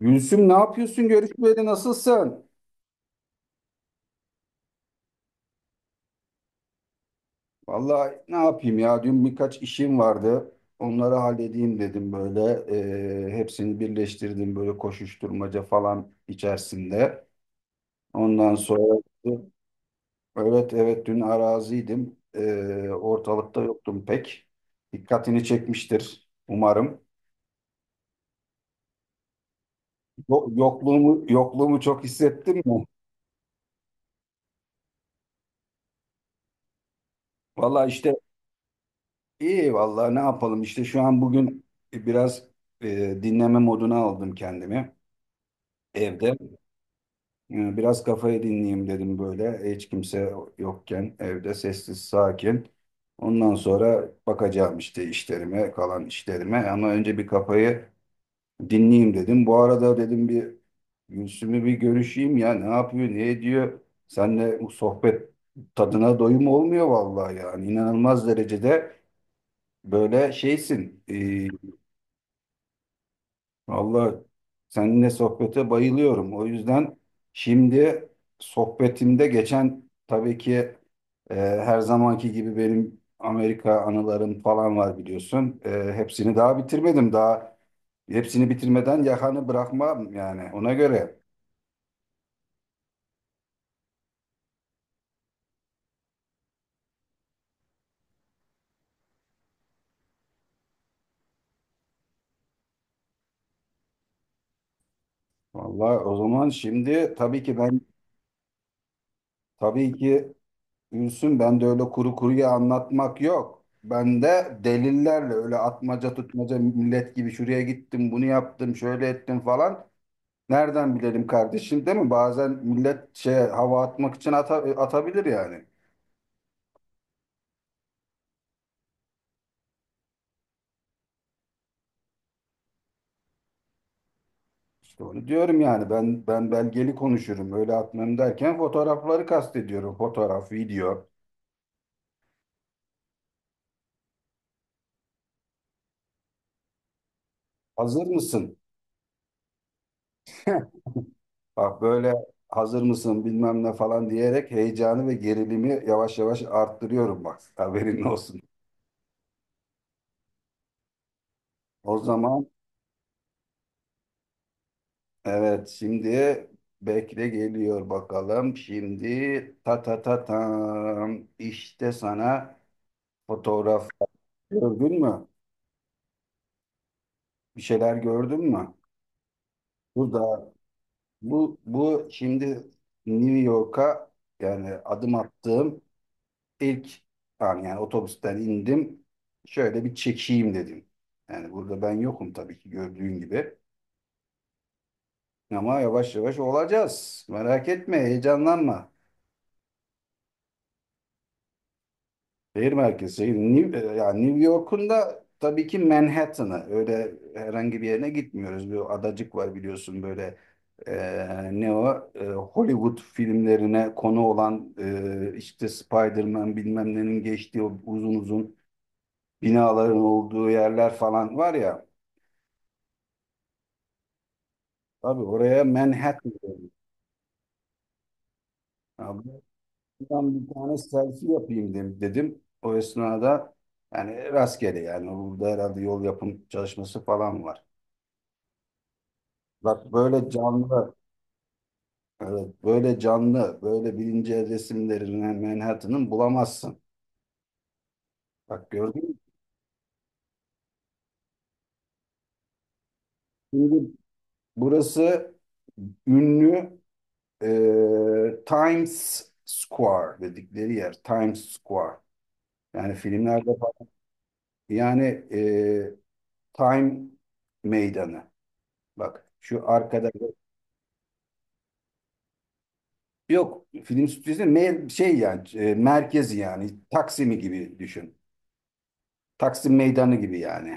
Gülsüm ne yapıyorsun? Görüşmeyeli nasılsın? Vallahi ne yapayım ya? Dün birkaç işim vardı. Onları halledeyim dedim böyle. Hepsini birleştirdim böyle koşuşturmaca falan içerisinde. Ondan sonra evet evet dün araziydim. Ortalıkta yoktum pek. Dikkatini çekmiştir umarım. Yokluğumu çok hissettin mi? Vallahi işte. İyi vallahi ne yapalım işte şu an bugün biraz dinleme moduna aldım kendimi evde. Biraz kafayı dinleyeyim dedim böyle hiç kimse yokken evde sessiz sakin. Ondan sonra bakacağım işte işlerime kalan işlerime, ama önce bir kafayı dinleyeyim dedim. Bu arada dedim bir Gülsüm'ü bir görüşeyim ya, ne yapıyor ne ediyor. Seninle bu sohbet tadına doyum olmuyor vallahi, yani inanılmaz derecede böyle şeysin. Vallahi seninle sohbete bayılıyorum. O yüzden şimdi sohbetimde geçen tabii ki her zamanki gibi benim Amerika anılarım falan var biliyorsun. Hepsini daha bitirmedim. Daha hepsini bitirmeden yakanı bırakmam yani, ona göre. Vallahi o zaman şimdi tabii ki ben, tabii ki Gülsün, ben de öyle kuru kuruya anlatmak yok. Ben de delillerle, öyle atmaca tutmaca millet gibi şuraya gittim bunu yaptım şöyle ettim falan. Nereden bilelim kardeşim, değil mi? Bazen millet şey, hava atmak için atabilir yani. İşte onu diyorum yani, ben belgeli konuşurum, öyle atmam derken fotoğrafları kastediyorum. Fotoğraf, video. Hazır mısın? Bak, böyle hazır mısın bilmem ne falan diyerek heyecanı ve gerilimi yavaş yavaş arttırıyorum bak. Haberin olsun. O zaman evet şimdi bekle, geliyor bakalım. Şimdi ta ta ta tam işte sana fotoğraf, gördün mü? Bir şeyler gördün mü? Bu da, bu şimdi New York'a, yani adım attığım ilk an, yani otobüsten indim. Şöyle bir çekeyim dedim. Yani burada ben yokum tabii ki, gördüğün gibi. Ama yavaş yavaş olacağız. Merak etme, heyecanlanma. Şehir merkezi, şehir. Yani New York'un da tabii ki Manhattan'ı. Öyle herhangi bir yerine gitmiyoruz. Bir adacık var biliyorsun böyle, ne o, Hollywood filmlerine konu olan işte Spider-Man bilmem nenin geçtiği o uzun uzun binaların olduğu yerler falan var ya. Tabii oraya, Manhattan dedim. Abi, buradan bir tane selfie yapayım dedim. O esnada yani rastgele, yani burada herhalde yol yapım çalışması falan var. Bak böyle canlı, evet, böyle canlı, böyle bilince resimlerini Manhattan'ın bulamazsın. Bak gördün mü? Şimdi burası ünlü Times Square dedikleri yer. Times Square. Yani filmlerde falan, yani e, Time Meydanı. Bak şu arkada, yok film stüdyosu şey yani merkezi, yani Taksim'i gibi düşün. Taksim Meydanı gibi yani.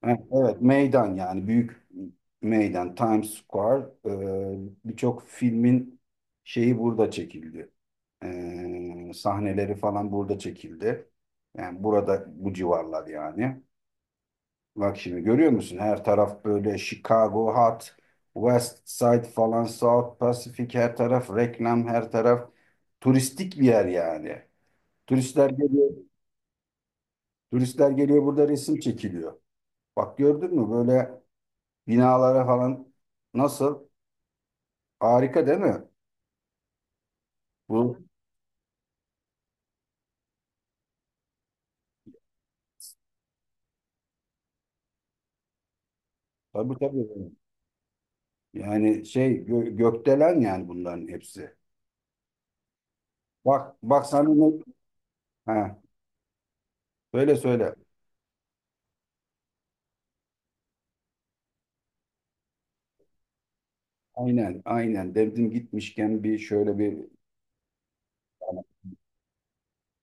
Ha, evet, meydan yani, büyük meydan Times Square. Birçok filmin şeyi burada çekildi. Sahneleri falan burada çekildi. Yani burada, bu civarlar yani. Bak şimdi görüyor musun? Her taraf böyle Chicago Hot, West Side falan, South Pacific, her taraf reklam, her taraf turistik bir yer yani. Turistler geliyor, turistler geliyor, burada resim çekiliyor. Bak gördün mü böyle binalara falan nasıl? Harika değil mi? Bu tabii tabii. Yani şey, gökdelen yani bunların hepsi. Bak bak sana ne? Ha, söyle söyle. Aynen aynen, dedim gitmişken bir şöyle bir, yani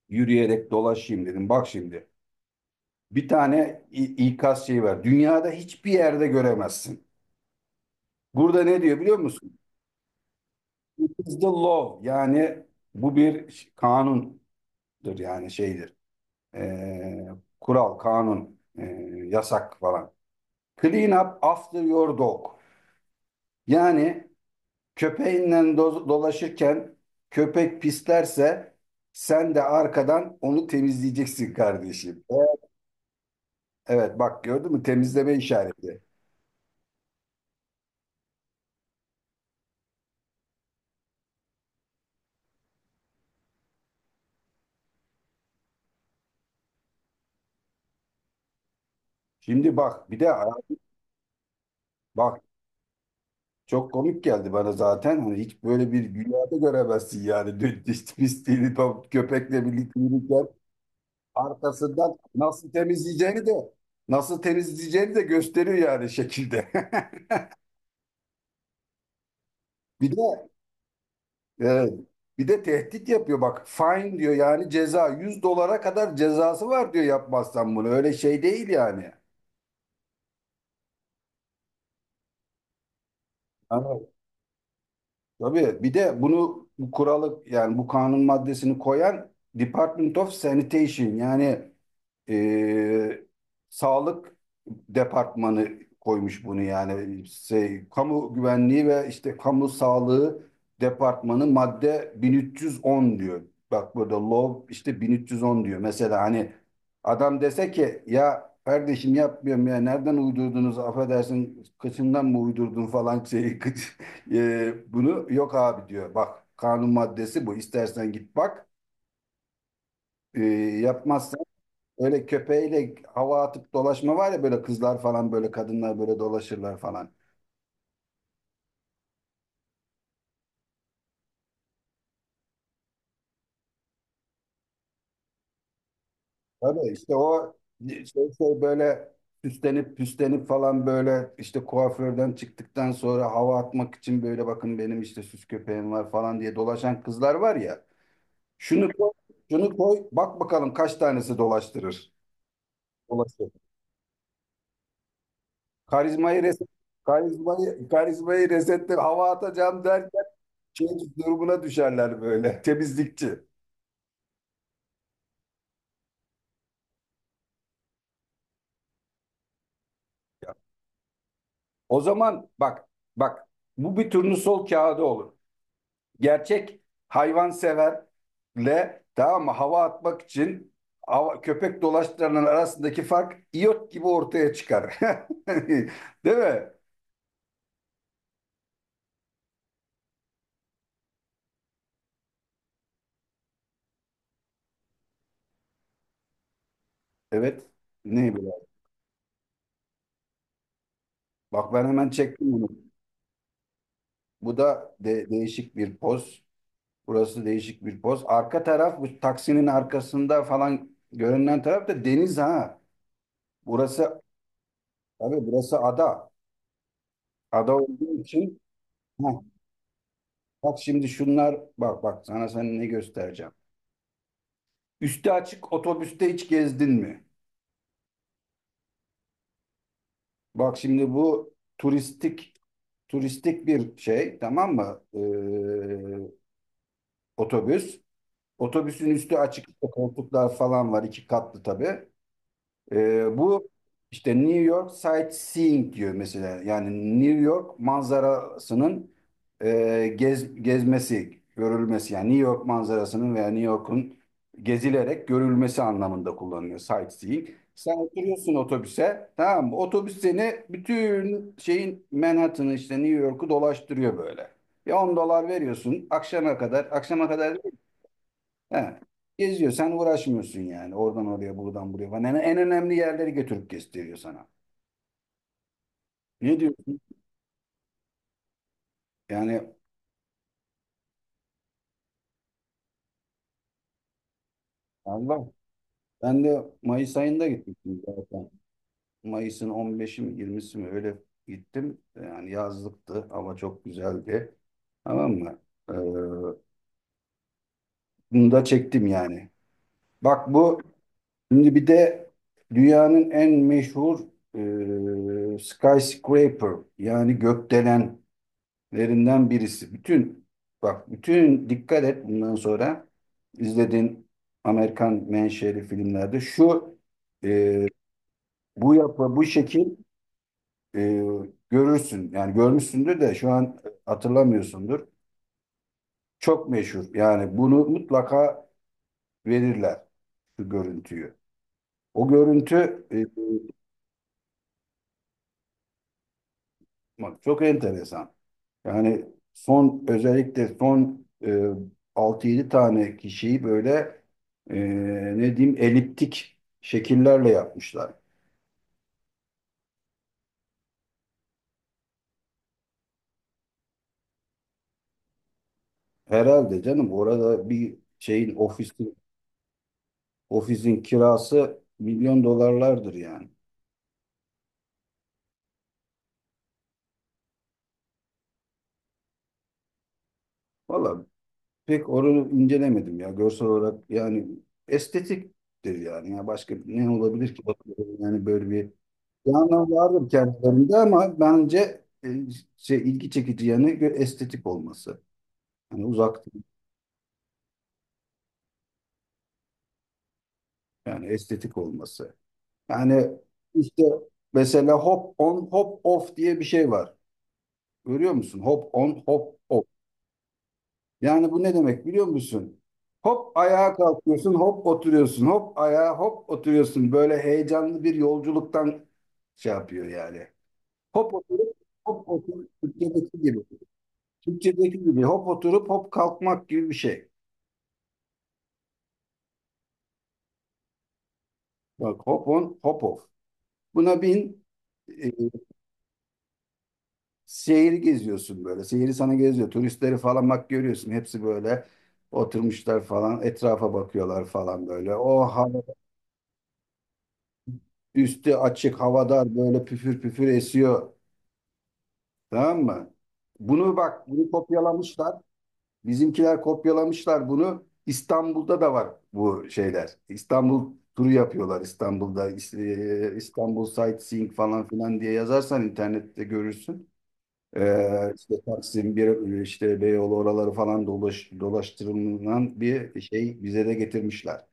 yürüyerek dolaşayım dedim. Bak şimdi bir tane ikaz şeyi var. Dünyada hiçbir yerde göremezsin. Burada ne diyor biliyor musun? It is the law. Yani bu bir kanundur, yani şeydir. e, Kural, kanun, yasak falan. Clean up after your dog. Yani köpeğinle dolaşırken köpek pislerse sen de arkadan onu temizleyeceksin kardeşim. Evet, evet, bak gördün mü temizleme işareti. Şimdi bak bir de bak, çok komik geldi bana zaten. Hani hiç böyle bir dünyada göremezsin yani. Pisliğini tam köpekle birlikte yürürken arkasından nasıl temizleyeceğini de gösteriyor yani şekilde. Bir de evet, bir de tehdit yapıyor bak. Fine diyor yani, ceza 100 dolara kadar cezası var diyor yapmazsan bunu. Öyle şey değil yani. Hani, tabii bir de bunu, bu kuralı yani bu kanun maddesini koyan Department of Sanitation, yani e, Sağlık Departmanı koymuş bunu, yani şey, Kamu Güvenliği ve işte Kamu Sağlığı Departmanı, madde 1310 diyor. Bak, burada law işte 1310 diyor. Mesela hani adam dese ki ya kardeşim yapmıyorum ya, nereden uydurdunuz, affedersin kıçından mı uydurdun falan şeyi, kıç. Bunu, yok abi diyor. Bak kanun maddesi bu. İstersen git bak. Ee, Yapmazsan, öyle köpeğiyle hava atıp dolaşma var ya, böyle kızlar falan, böyle kadınlar böyle dolaşırlar falan. Tabii işte o şey, böyle süslenip püslenip falan, böyle işte kuaförden çıktıktan sonra hava atmak için, böyle bakın benim işte süs köpeğim var falan diye dolaşan kızlar var ya. Şunu koy, şunu koy bak bakalım kaç tanesi dolaştırır. Dolaşır. Karizmayı reset, karizmayı resetle hava atacağım derken şey durumuna düşerler böyle. Temizlikçi. O zaman bak, bak bu bir turnusol kağıdı olur. Gerçek hayvanseverle, tamam mı, hava atmak için köpek dolaştıranın arasındaki fark iyot gibi ortaya çıkar. Değil mi? Evet. Ne bileyim. Bak ben hemen çektim bunu. Bu da değişik bir poz. Burası değişik bir poz. Arka taraf, bu taksinin arkasında falan görünen taraf da deniz ha. Burası, tabii burası ada. Ada olduğu için, heh, bak şimdi şunlar, bak bak sana sen ne göstereceğim. Üstü açık otobüste hiç gezdin mi? Bak şimdi bu turistik, turistik bir şey tamam mı? Otobüs. Otobüsün üstü açık, işte koltuklar falan var, iki katlı tabii. Bu işte New York sightseeing diyor mesela. Yani New York manzarasının gezmesi, görülmesi. Yani New York manzarasının veya New York'un gezilerek görülmesi anlamında kullanılıyor sightseeing. Sen oturuyorsun otobüse, tamam mı? Otobüs seni bütün şeyin Manhattan'ı, işte New York'u dolaştırıyor böyle. Ya 10 dolar veriyorsun, akşama kadar, akşama kadar. He. Geziyor. Sen uğraşmıyorsun yani. Oradan oraya, buradan buraya falan. En önemli yerleri götürüp gösteriyor sana. Ne diyorsun? Yani Allah. Ben de Mayıs ayında gittim zaten. Mayıs'ın 15'i mi 20'si mi öyle gittim. Yani yazlıktı. Hava çok güzeldi. Tamam mı? Ee, Bunu da çektim yani. Bak bu şimdi bir de dünyanın en meşhur skyscraper, yani gökdelen lerinden birisi. Bütün, bak bütün dikkat et bundan sonra izlediğin Amerikan menşeli filmlerde şu e, bu yapı bu şekil e, görürsün. Yani görmüşsündür de şu an hatırlamıyorsundur. Çok meşhur. Yani bunu mutlaka verirler şu görüntüyü. O görüntü, bak, çok enteresan. Yani son, özellikle son 6-7 tane kişiyi böyle, e, ne diyeyim, eliptik şekillerle yapmışlar. Herhalde canım, orada bir şeyin ofisin kirası milyon dolarlardır yani. Valla pek onu incelemedim ya, görsel olarak yani estetiktir yani. Ya başka ne olabilir ki, yani böyle bir anlam vardır kendilerinde, ama bence şey, ilgi çekici yanı estetik olması. Yani uzak değil. Yani estetik olması. Yani işte mesela hop on hop off diye bir şey var. Görüyor musun? Hop on hop off. Yani bu ne demek biliyor musun? Hop ayağa kalkıyorsun, hop oturuyorsun, hop oturuyorsun. Böyle heyecanlı bir yolculuktan şey yapıyor yani. Hop oturup Hop oturup Türkçedeki gibi. Türkçedeki gibi hop oturup hop kalkmak gibi bir şey. Bak hop on hop off. Buna bin, e, şehri geziyorsun böyle. Şehri sana geziyor. Turistleri falan bak görüyorsun. Hepsi böyle oturmuşlar falan. Etrafa bakıyorlar falan böyle. O hava, üstü açık, havadar, böyle püfür püfür esiyor. Tamam mı? Bunu bak bunu kopyalamışlar. Bizimkiler kopyalamışlar bunu. İstanbul'da da var bu şeyler. İstanbul turu yapıyorlar İstanbul'da. İstanbul sightseeing falan filan diye yazarsan internette görürsün. İşte Taksim, bir, işte Beyoğlu oraları falan dolaştırılan bir şey bize de getirmişler.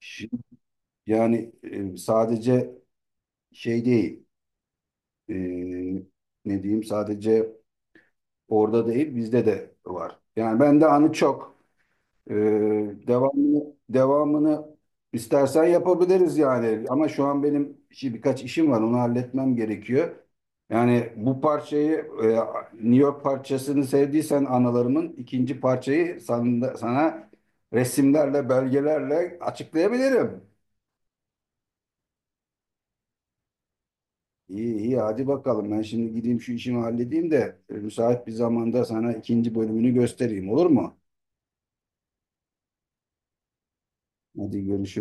Şimdi, yani sadece şey değil, e, ne diyeyim, sadece orada değil bizde de var. Yani bende anı çok. Ee, devamını istersen yapabiliriz yani. Ama şu an benim işi, birkaç işim var. Onu halletmem gerekiyor. Yani bu parçayı, e, New York parçasını sevdiysen analarımın ikinci parçayı sana resimlerle, belgelerle açıklayabilirim. İyi iyi hadi bakalım. Ben şimdi gideyim şu işimi halledeyim de müsait bir zamanda sana ikinci bölümünü göstereyim, olur mu? Hadi görüşürüz.